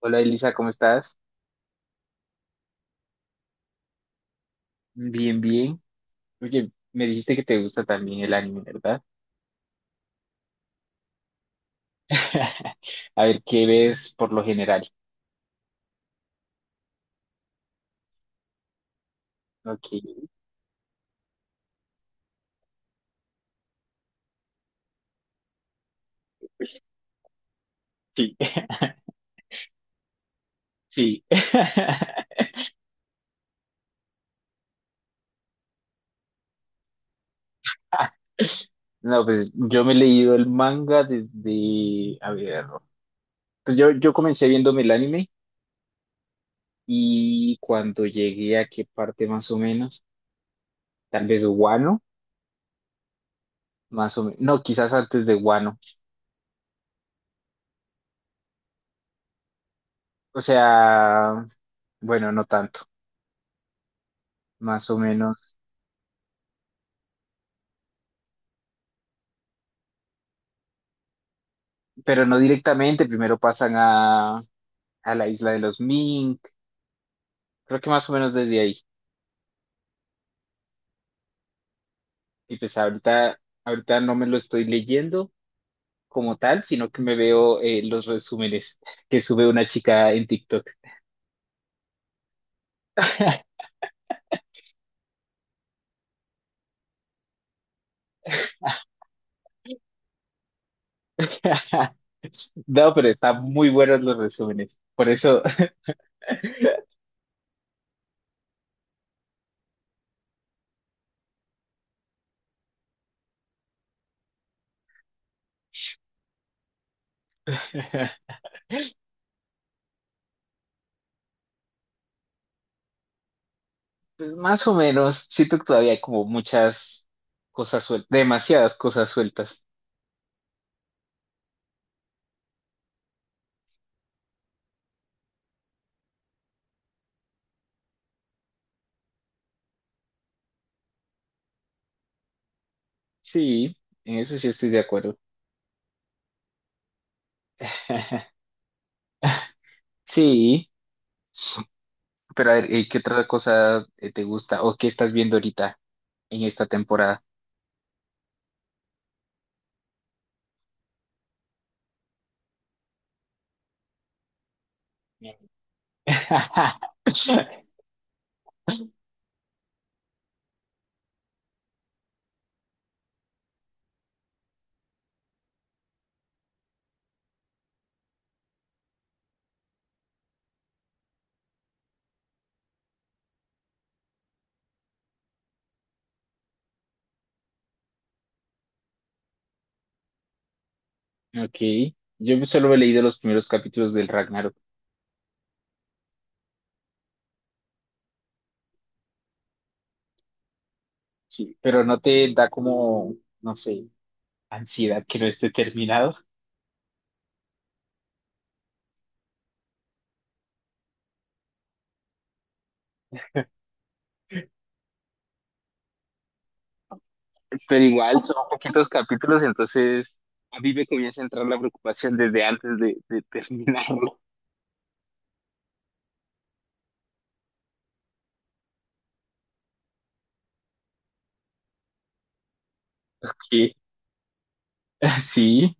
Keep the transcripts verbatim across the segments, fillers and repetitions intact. Hola Elisa, ¿cómo estás? Bien, bien. Oye, me dijiste que te gusta también el anime, ¿verdad? A ver, ¿qué ves por lo general? Ok. Pues, sí, sí. No, pues yo me he leído el manga desde, a ver, pues yo, yo comencé viéndome el anime y cuando llegué a qué parte más o menos, tal vez Wano, más o menos, no, quizás antes de Wano. O sea, bueno, no tanto, más o menos. Pero no directamente, primero pasan a, a la isla de los Mink, creo que más o menos desde ahí. Y pues ahorita, ahorita no me lo estoy leyendo como tal, sino que me veo eh, los resúmenes que sube una chica en TikTok. No, pero están muy buenos los resúmenes. Por eso, pues, más o menos, siento que todavía hay como muchas cosas sueltas, demasiadas cosas sueltas. Sí, en eso sí estoy de acuerdo. Sí. Pero a ver, eh, ¿qué otra cosa eh, te gusta o qué estás viendo ahorita en esta temporada? Ok, yo solo he leído los primeros capítulos del Ragnarok, sí, pero no te da como, no sé, ansiedad que no esté terminado. Pero igual son poquitos capítulos, entonces a mí me comienza a entrar la preocupación desde antes de, de terminarlo. Ok. Sí,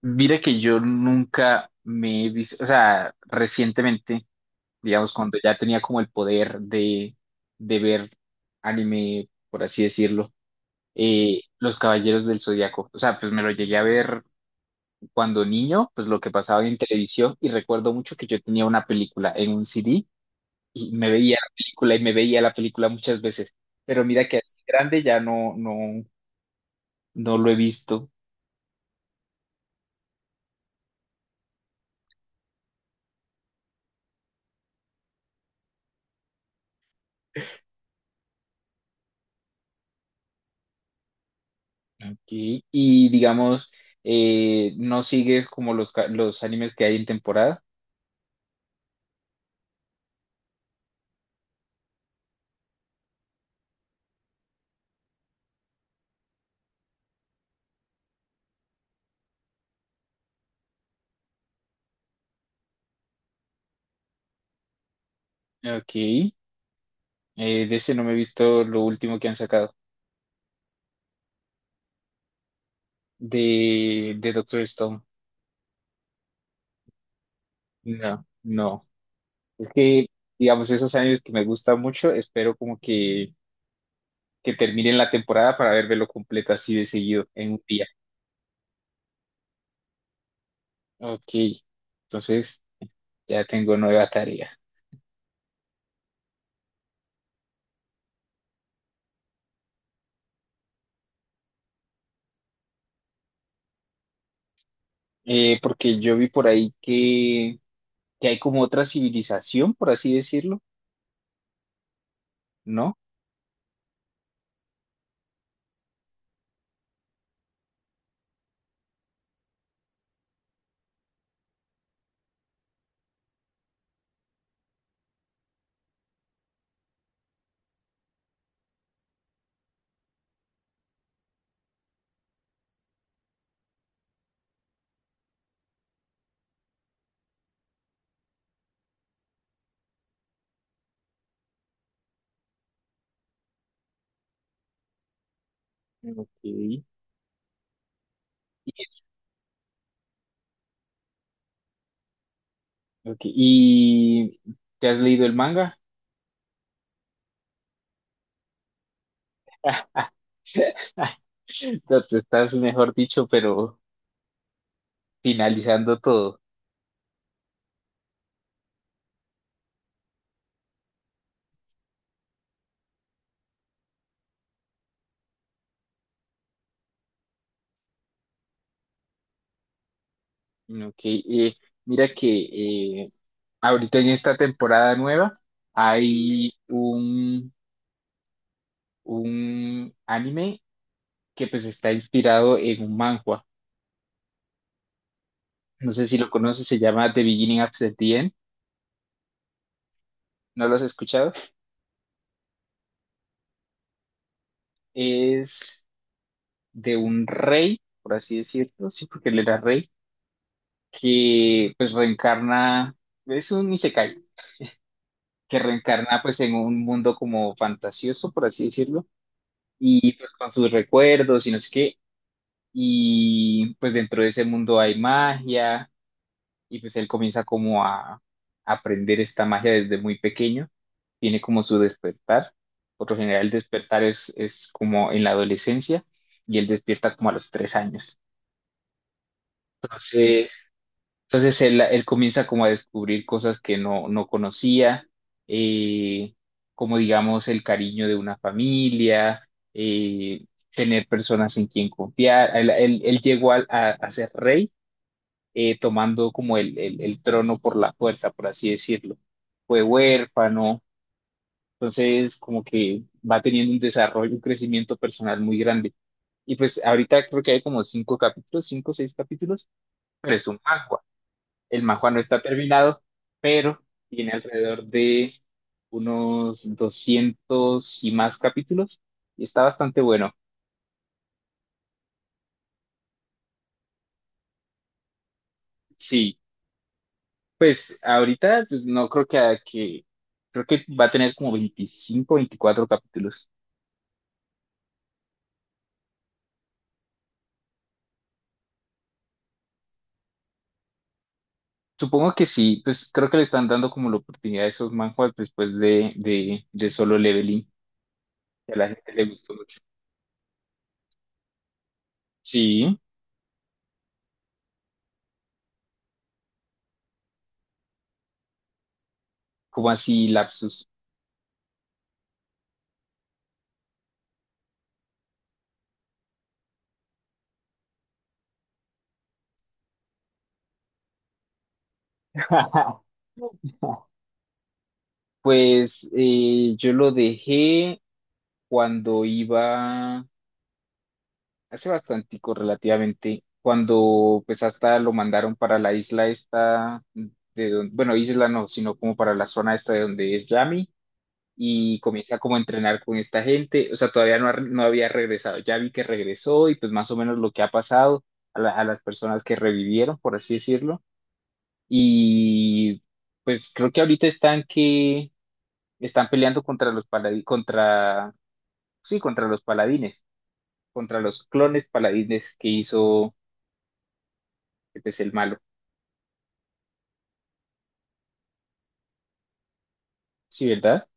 mira que yo nunca me he visto, o sea, recientemente digamos, cuando ya tenía como el poder de, de ver anime, por así decirlo, eh, Los Caballeros del Zodiaco. O sea, pues me lo llegué a ver cuando niño, pues lo que pasaba en televisión y recuerdo mucho que yo tenía una película en un C D y me veía la película y me veía la película muchas veces, pero mira que así grande ya no, no, no lo he visto. Ok. Y digamos, eh, no sigues como los, ca- los animes que hay en temporada. Ok. Eh, de ese no me he visto lo último que han sacado. De, de Doctor Stone. No, no. Es que, digamos, esos años que me gusta mucho, espero como que, que, terminen la temporada para verlo completa así de seguido en un día. Ok, entonces ya tengo nueva tarea. Eh, porque yo vi por ahí que, que hay como otra civilización, por así decirlo, ¿no? Ok. Y es- ok, ¿y te has leído el manga? No, tú estás, mejor dicho, pero finalizando todo. Ok, eh, mira que eh, ahorita en esta temporada nueva hay un, un anime que pues está inspirado en un manhwa. No sé si lo conoces, se llama The Beginning of the End. ¿No lo has escuchado? Es de un rey, por así decirlo, sí, porque él era rey, que pues reencarna, es un isekai que reencarna pues en un mundo como fantasioso, por así decirlo, y pues con sus recuerdos y no sé qué, y pues dentro de ese mundo hay magia, y pues él comienza como a aprender esta magia desde muy pequeño, tiene como su despertar, por lo general el despertar es, es como en la adolescencia, y él despierta como a los tres años. Entonces, Entonces él, él comienza como a descubrir cosas que no, no conocía, eh, como digamos el cariño de una familia, eh, tener personas en quien confiar. Él, él- él llegó al- a, a ser rey eh, tomando como el, el- el trono por la fuerza, por así decirlo. Fue huérfano, entonces como que va teniendo un desarrollo, un crecimiento personal muy grande. Y pues ahorita creo que hay como cinco capítulos, cinco o seis capítulos, pero es un manga. El Majua no está terminado, pero tiene alrededor de unos doscientos y más capítulos y está bastante bueno. Sí, pues ahorita pues no creo que, a- que creo que va a tener como veinticinco, veinticuatro capítulos. Supongo que sí, pues creo que le están dando como la oportunidad a esos manhwas después de, de, de Solo Leveling, que a la gente le gustó mucho. Sí, como así lapsus. Pues eh, yo lo dejé cuando iba, hace bastantico relativamente, cuando pues hasta lo mandaron para la isla esta, de don- bueno, isla no, sino como para la zona esta de donde es Yami, y comienza como a entrenar con esta gente, o sea, todavía no, ha- no había regresado, ya vi que regresó y pues más o menos lo que ha pasado a, la- a las personas que revivieron, por así decirlo, y pues creo que ahorita están que están peleando contra los paladi- contra, sí, contra los paladines. Contra los clones paladines que hizo pues, el malo. Sí, ¿verdad?